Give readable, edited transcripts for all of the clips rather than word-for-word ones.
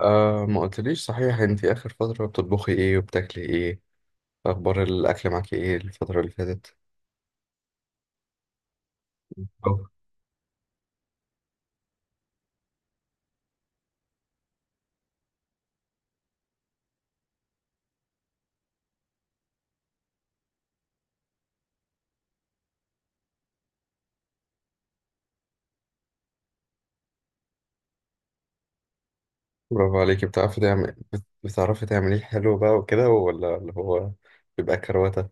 آه، ما قلتليش صحيح، انت اخر فترة بتطبخي ايه وبتاكلي ايه؟ اخبار الاكل معاكي ايه الفترة اللي فاتت؟ أو. برافو عليكي، بتعرفي تعمل بتعرفي تعمليه حلو بقى وكده، ولا اللي هو بيبقى كروتة؟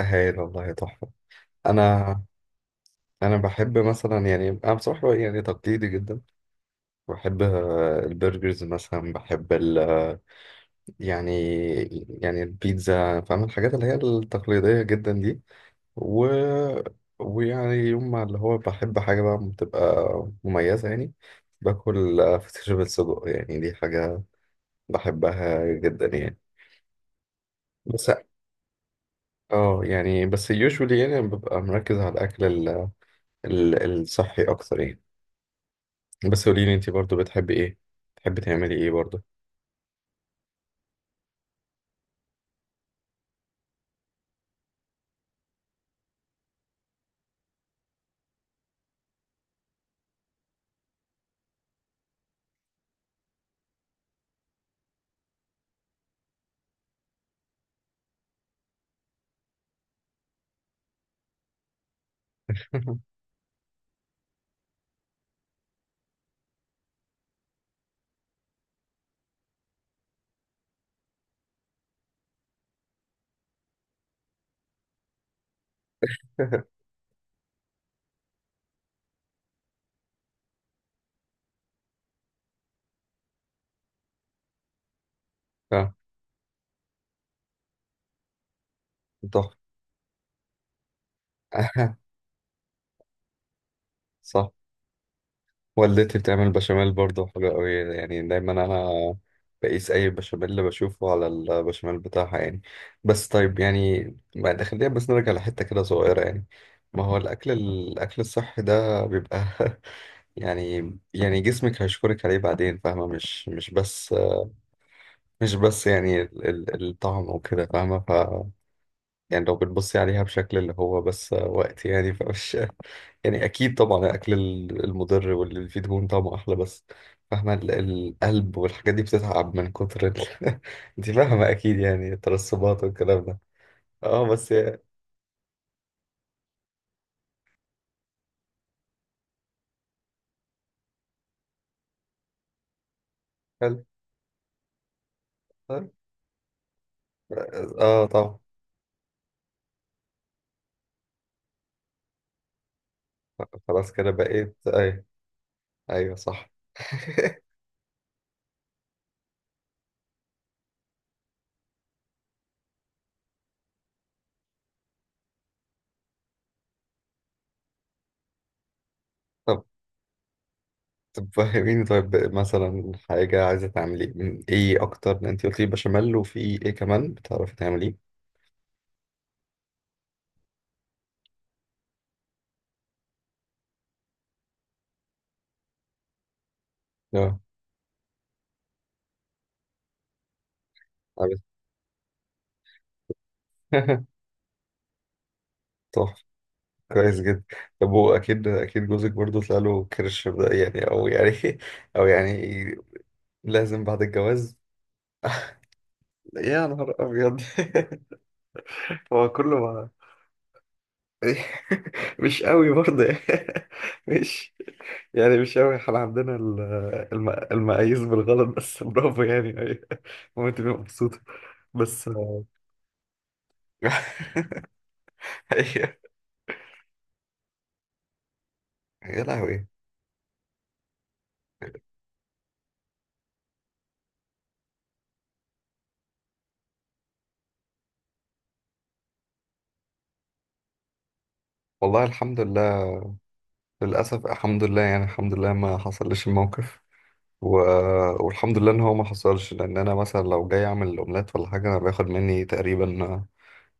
هايل والله، تحفة. انا انا بحب مثلا، يعني انا بصراحة يعني تقليدي جدا. بحب البرجرز مثلا، بحب ال آه، يعني، البيتزا، فاهم الحاجات اللي هي التقليدية جدا دي. و... ويعني يوم ما اللي هو بحب حاجة بقى بتبقى مميزة يعني. باكل فسيخ بالسجق، يعني دي حاجة بحبها جدا يعني. بس اه، يعني بس usually يعني ببقى مركز على الأكل الصحي أكتر يعني. بس قوليلي انتي برضو بتحبي ايه؟ بتحبي تعملي ايه برضو؟ اه، تحفة. صح. والدتي بتعمل بشاميل برضه حلو قوي، يعني دايما انا بقيس اي بشاميل اللي بشوفه على البشاميل بتاعها يعني. بس طيب يعني، بعد خلينا بس نرجع لحتة كده صغيرة يعني. ما هو الاكل الصحي ده بيبقى، يعني جسمك هيشكرك عليه بعدين، فاهمة؟ مش بس، مش بس يعني الطعم وكده، فاهمة؟ يعني لو بتبصي عليها بشكل اللي هو بس وقت يعني، فمش يعني أكيد طبعا الأكل المضر واللي فيه دهون طعمه أحلى، بس فاهمة القلب والحاجات دي بتتعب من كتر أنت فاهمة أكيد يعني، الترسبات والكلام ده. أه بس هل هل- أه طبعا. خلاص كده بقيت أيوه. أيوه صح. طب طب فهميني، طيب مثلا حاجة عايزة تعملي من إيه أكتر؟ أنت قلتي بشاميل، وفي إيه كمان بتعرفي تعمليه؟ أه، عارف. طب، كويس جدا. طب هو اكيد اكيد جوزك برضه طلع له كرش ده يعني، او يعني او يعني لازم بعد الجواز. يا نهار ابيض. هو كله ما مش قوي برضه يعني. مش يعني مش قوي، احنا عندنا المقاييس بالغلط، بس برافو يعني، ايوه ممكن تبقى مبسوطة بس. ايوه. يا لهوي. والله الحمد لله، للأسف الحمد لله يعني، الحمد لله ما حصلش الموقف. و... والحمد لله ان هو ما حصلش، لان انا مثلا لو جاي اعمل اومليت ولا حاجه انا بياخد مني تقريبا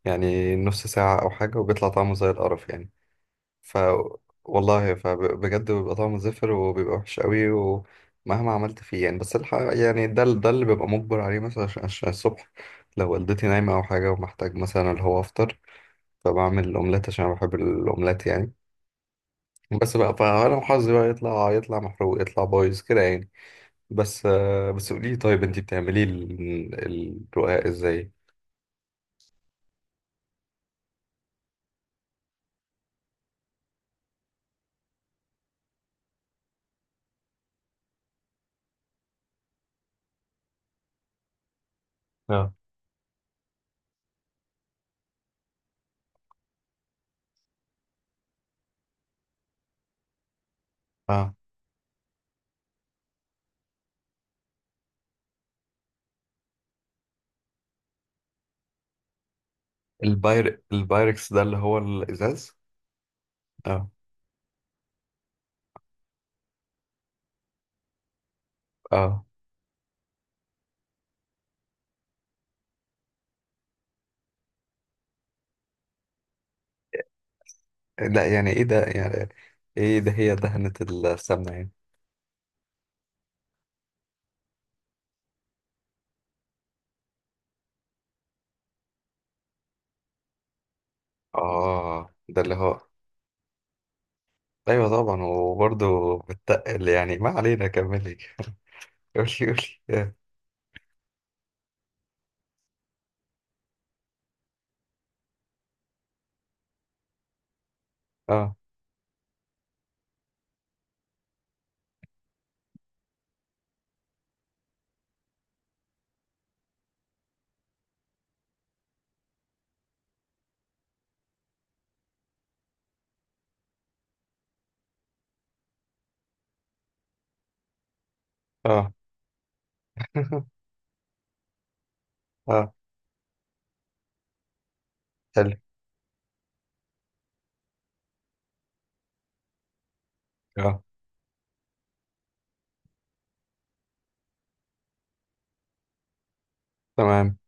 يعني نص ساعه او حاجه، وبيطلع طعمه زي القرف يعني. ف والله فبجد بيبقى طعمه زفر وبيبقى وحش قوي، ومهما عملت فيه يعني. بس الحقيقه يعني ده ده اللي ببقى مجبر عليه مثلا، عشان الصبح لو والدتي نايمه او حاجه ومحتاج مثلا اللي هو افطر، فبعمل اومليت عشان أنا بحب الاومليت يعني. بس بقى، فانا وحظي بقى يطلع محروق، يطلع بايظ كده يعني. بس آه، بس قولي لي طيب انت بتعملي الرقاق ازاي؟ اه. اه. الباير البايركس ده اللي هو الازاز؟ اه. اه. لا، يعني ايه ده يعني؟ ايه ده؟ هي دهنة السمنة يعني؟ اه ده اللي هو، ايوه طبعا، وبرضه بتتقل يعني، ما علينا كملي. قولي، قولي. اه. اه. اه، حلو. اه تمام.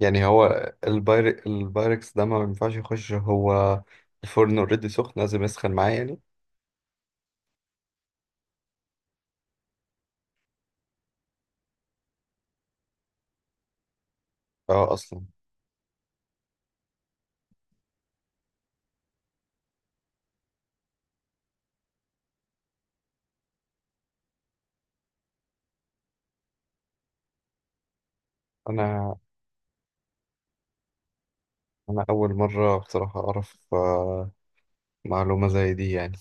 يعني هو الباير البايركس ده ما ينفعش يخش هو الفرن اوريدي سخن، لازم يسخن معاه يعني؟ اه اصلا. انا انا اول مره بصراحه اعرف آه، معلومه زي دي يعني.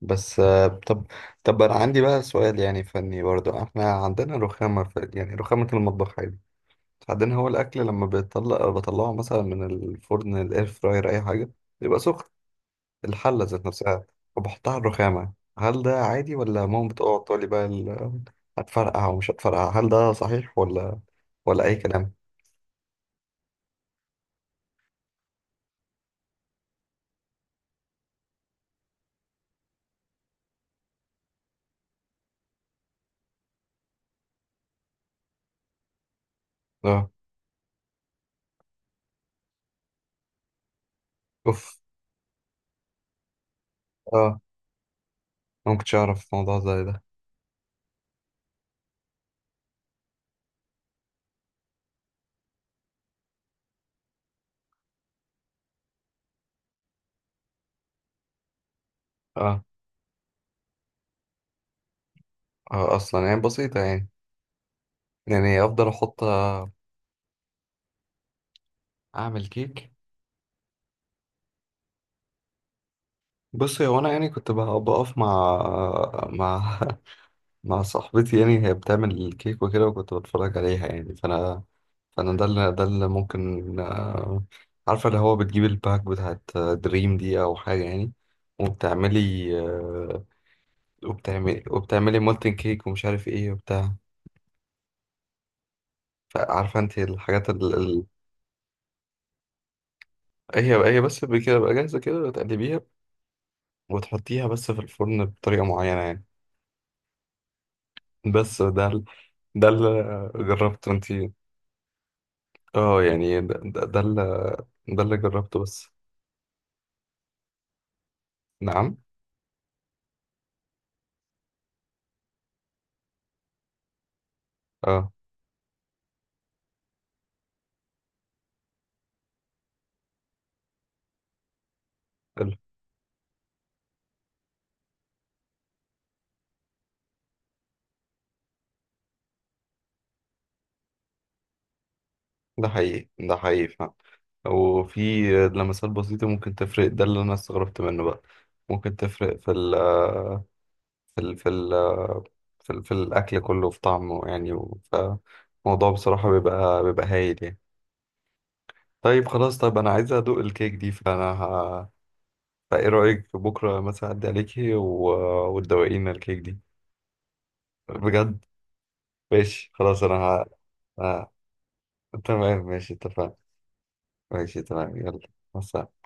بس آه، طب انا عندي بقى سؤال يعني فني برضو. احنا عندنا رخامه في يعني رخامه المطبخ عادي عندنا. هو الاكل لما بيطلع، بطلعه مثلا من الفرن، الاير فراير، اي حاجه، بيبقى سخن الحله ذات نفسها، وبحطها على الرخامه. هل ده عادي، ولا ماما بتقعد تقول لي بقى هتفرقع ومش هتفرقع؟ هل ده صحيح، ولا اي كلام؟ اه. اوف. آه. ما كنتش اعرف موضوع زي ده. اه، آه اصلا يعني بسيطه يعني، يعني افضل احط. اعمل كيك؟ بص، هو انا يعني كنت بقف مع مع صاحبتي يعني، هي بتعمل الكيك وكده وكنت بتفرج عليها يعني. فانا ده اللي ممكن آه، عارفه اللي هو بتجيب الباك بتاعت دريم دي او حاجه يعني، وبتعملي آه، وبتعملي مولتن كيك ومش عارف ايه وبتاع. فعارفه انت الحاجات هي، بس كده بقى جاهزه كده تقلبيها وتحطيها بس في الفرن بطريقة معينة يعني. بس ده ده اللي جربته انتي. اه يعني ده اللي جربته بس. نعم. اه ال- ده حقيقي، ده حقيقي فعلا. وفي لمسات بسيطة ممكن تفرق، ده اللي أنا استغربت منه بقى. ممكن تفرق في ال في ال في ال في, ال في الأكل كله في طعمه يعني. فالموضوع بصراحة بيبقى هايل يعني. طيب خلاص، طب أنا عايز أدوق الكيك دي، فأنا فايه رأيك بكرة مثلا أعدي عليكي وتدوقينا الكيك دي؟ بجد. ماشي، خلاص، أنا آه. تمام، ماشي، اتفقنا. ماشي تمام، يلا، مع السلامة.